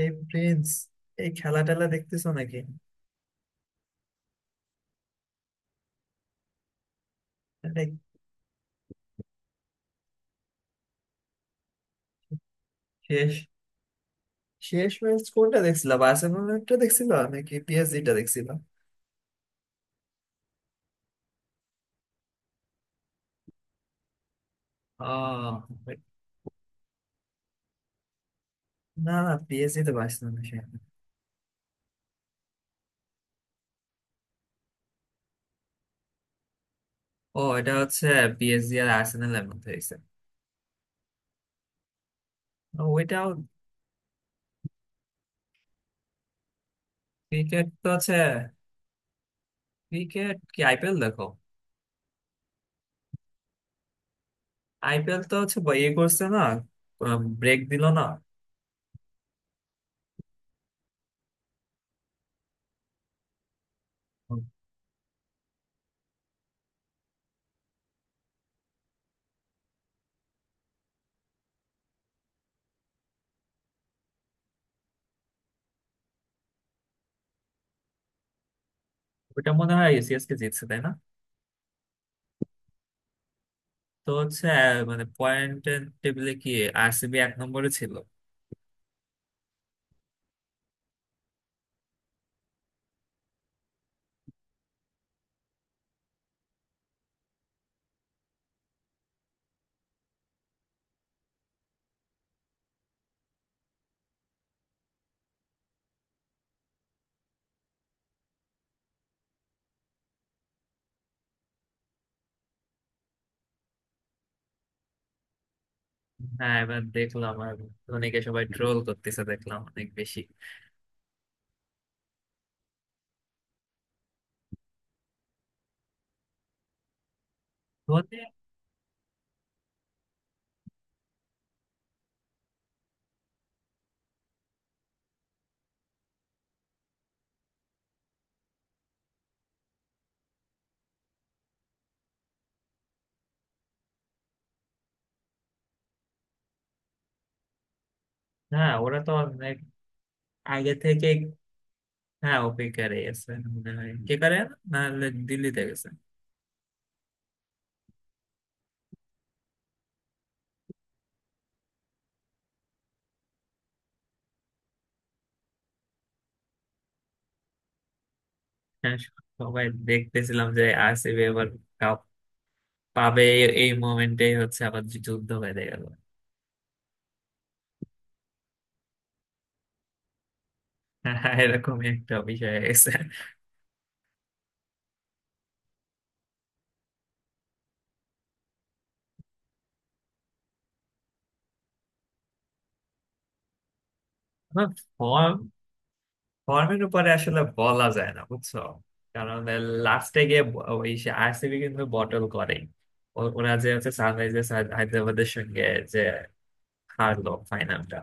এই প্রিন্স, এই খেলা টেলা দেখতেছো নাকি? এটা শেষ শেষ ম্যাচ কোনটা দেখছিলা, বার্সেলোনাটা দেখছিলা নাকি পিএসজি টা দেখছিলা? আহ না না, পিএসজি তো বার্সেলোনা সে। ও, এটা হচ্ছে পিএসজি আর আর্সেনালের মধ্যে হয়েছে। ওইটাও ক্রিকেট তো হচ্ছে। ক্রিকেট কি আইপিএল দেখো? আইপিএল তো হচ্ছে ইয়ে করছে না, ব্রেক দিলো না। ওটা মনে হয় সিএসকে জিতছে, তাই না? তো হচ্ছে মানে পয়েন্ট টেবিলে কি আরসিবি 1 নম্বরে ছিল? হ্যাঁ, এবার দেখলাম আর ধোনিকে সবাই ট্রোল করতেছে দেখলাম অনেক বেশি। ধোনি হ্যাঁ, ওরা তো অনেক আগে থেকে। হ্যাঁ, ওপিকারে গেছে মনে হয় কে করে, নাহলে দিল্লিতে গেছে। হ্যাঁ, সবাই দেখতেছিলাম যে আরসিবি এবার কাপ পাবে। এই মোমেন্টেই হচ্ছে আবার যুদ্ধ বেঁধে গেল। হ্যাঁ, এরকমই একটা বিষয় হয়ে গেছে। ফর্ম ফর্মের উপরে আসলে বলা যায় না বুঝছো। কারণ লাস্টে গিয়ে ওই আরসিবি কিন্তু বটল করে। ওরা যে হচ্ছে সানরাইজার্স হায়দ্রাবাদের সঙ্গে যে হারলো, ফাইনালটা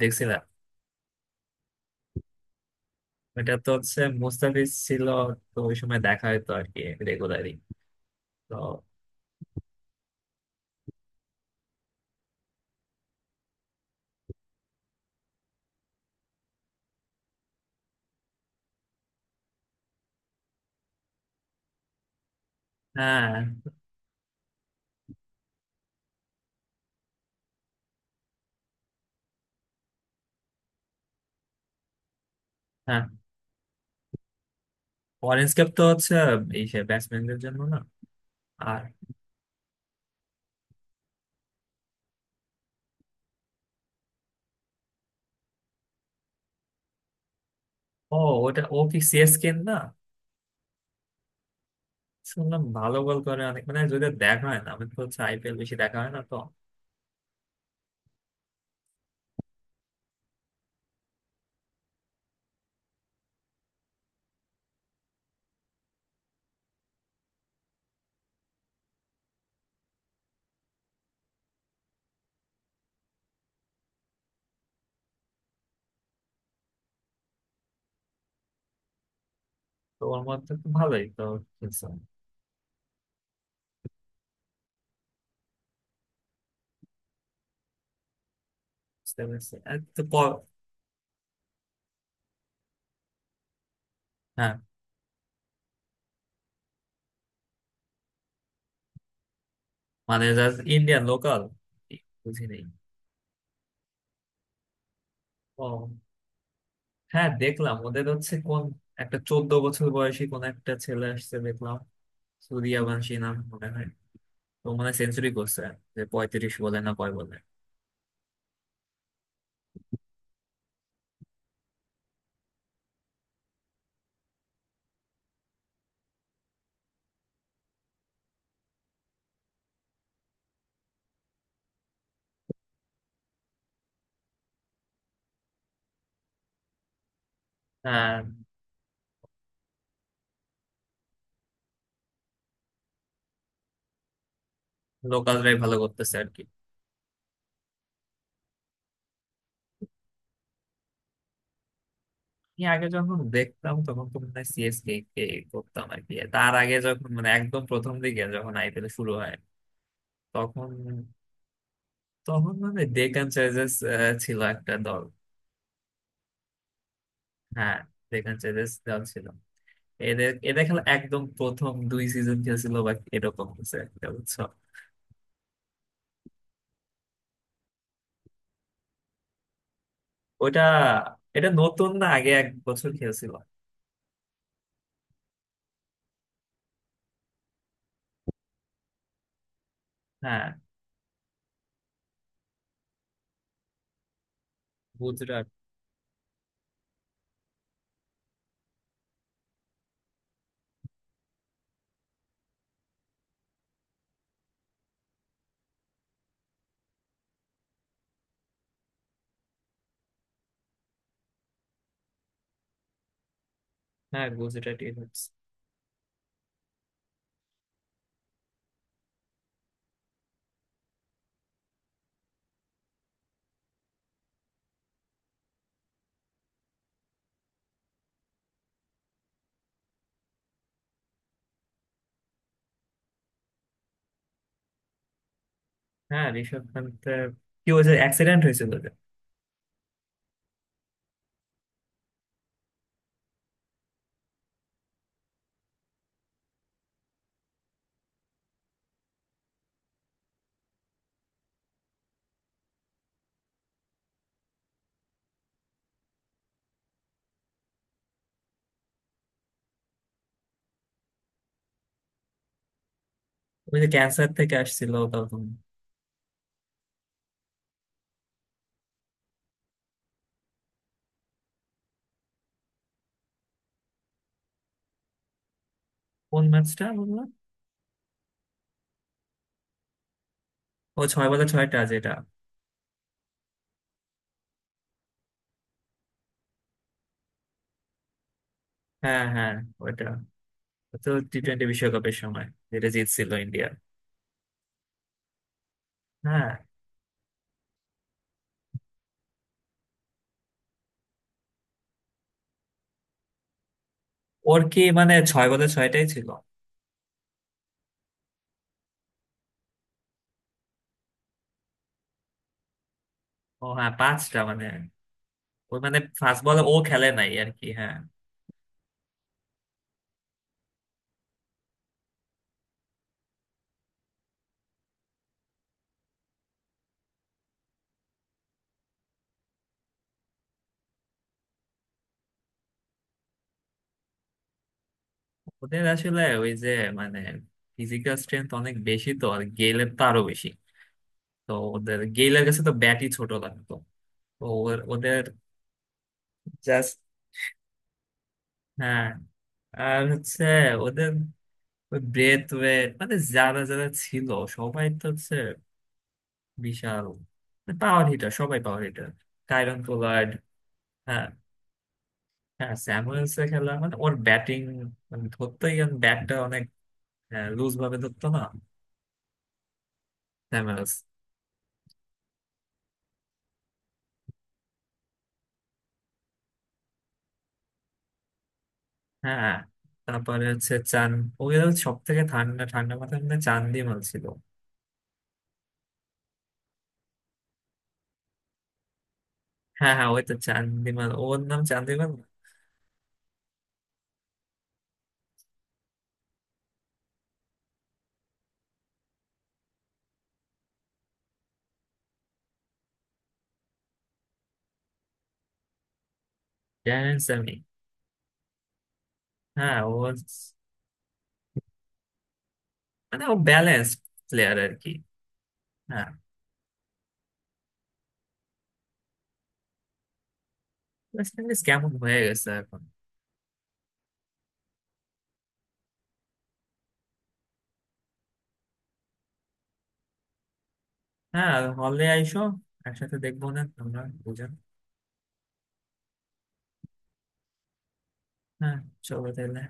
দেখছিলাম। এটা তো হচ্ছে মুস্তাফিজ ছিল, তো ওই সময় দেখা হতো আর কি, রেগুলারই। তো হ্যাঁ, হ্যাঁ অরেঞ্জ কাপ তো হচ্ছে এই ব্যাটসম্যানদের জন্য না? আর ও, ওটা ও কি সিএসকে না? শুনলাম ভালো বল করে অনেক, মানে যদি দেখা হয় না, আমি তো হচ্ছে আইপিএল বেশি দেখা হয় না তো। তো ওর মধ্যে তো ভালোই তো খেলছে। বুঝতে পেরেছি আর তো হ্যাঁ, মানে জাস্ট ইন্ডিয়ান লোকাল বুঝি নেই। ও হ্যাঁ, দেখলাম ওদের হচ্ছে কোন একটা 14 বছর বয়সী কোন একটা ছেলে আসছে দেখলাম, সূর্যবংশী নাম মনে হয়। তো মনে হয় সেঞ্চুরি করছে, যে 35 বলে না কয় বলে। হ্যাঁ, লোকালরাই ভালো করতেছে আর কি। আমি আগে যখন দেখতাম, তখন তো মনে হয় সিএসকে কে করতাম আর কি। তার আগে যখন, মানে একদম প্রথম দিকে যখন আইপিএল শুরু হয়, তখন, তখন মানে ডেকান চার্জার্স ছিল একটা দল। হ্যাঁ, ডেকান চার্জার্স দল ছিল। এদের এদের খেলা একদম প্রথম 2 সিজন খেলছিল বা এরকম কিছু একটা বুঝছো। ওটা এটা নতুন না, আগে 1 বছর খেলছিল। হ্যাঁ, গুজরাট। হ্যাঁ, গুজরাট ইউনিটস। হ্যাঁ, ঋষভ পান্তের কি ওই যে অ্যাক্সিডেন্ট হয়েছিল যে। ওই যে ক্যান্সার থেকে আসছিল তখন। কোন ম্যাচটা বললাম? ও, ছয় বলে ছয়টা যেটা। হ্যাঁ হ্যাঁ, ওইটা ও তো টি টোয়েন্টি বিশ্বকাপের সময়, যেটা জিতছিল ইন্ডিয়া। হ্যাঁ। ওর কি মানে ছয় বলে ছয়টাই ছিল? ও হ্যাঁ, পাঁচটা মানে ওই মানে ফার্স্ট বলে ও খেলে নাই আর কি, হ্যাঁ। ওদের আসলে ওই যে মানে ফিজিক্যাল স্ট্রেংথ অনেক বেশি, তো আর গেইলের তো আরো বেশি। তো ওদের গেইলের কাছে তো ব্যাটই ছোট লাগতো। তো ওদের জাস্ট। হ্যাঁ। আর হচ্ছে ওদের ওই ব্রেথ ওয়েট, মানে যারা যারা ছিল সবাই তো হচ্ছে বিশাল পাওয়ার হিটার, সবাই পাওয়ার হিটার। Kieron Pollard. হ্যাঁ হ্যাঁ, স্যামুয়েলস এর খেলা মানে ওর ব্যাটিং মানে ধরতেই, কারণ ব্যাটটা অনেক লুজ ভাবে ধরতো না স্যামুয়েলস। হ্যাঁ, তারপরে হচ্ছে ওই সব থেকে ঠান্ডা ঠান্ডা মাথায় মানে চান্দিমাল ছিল। হ্যাঁ হ্যাঁ, ওই তো চান্দিমাল, ওর নাম চান্দিমাল। জানেন আমি, হ্যাঁ, ও মানে ও ব্যালেন্স প্লেয়ার আর কি। হ্যাঁ, ওয়েস্ট ইন্ডিজ কেমন হয়ে গেছে এখন। হ্যাঁ, হলে আইসো, একসাথে দেখবো না আমরা দুজন। হ্যাঁ, চলো তাহলে।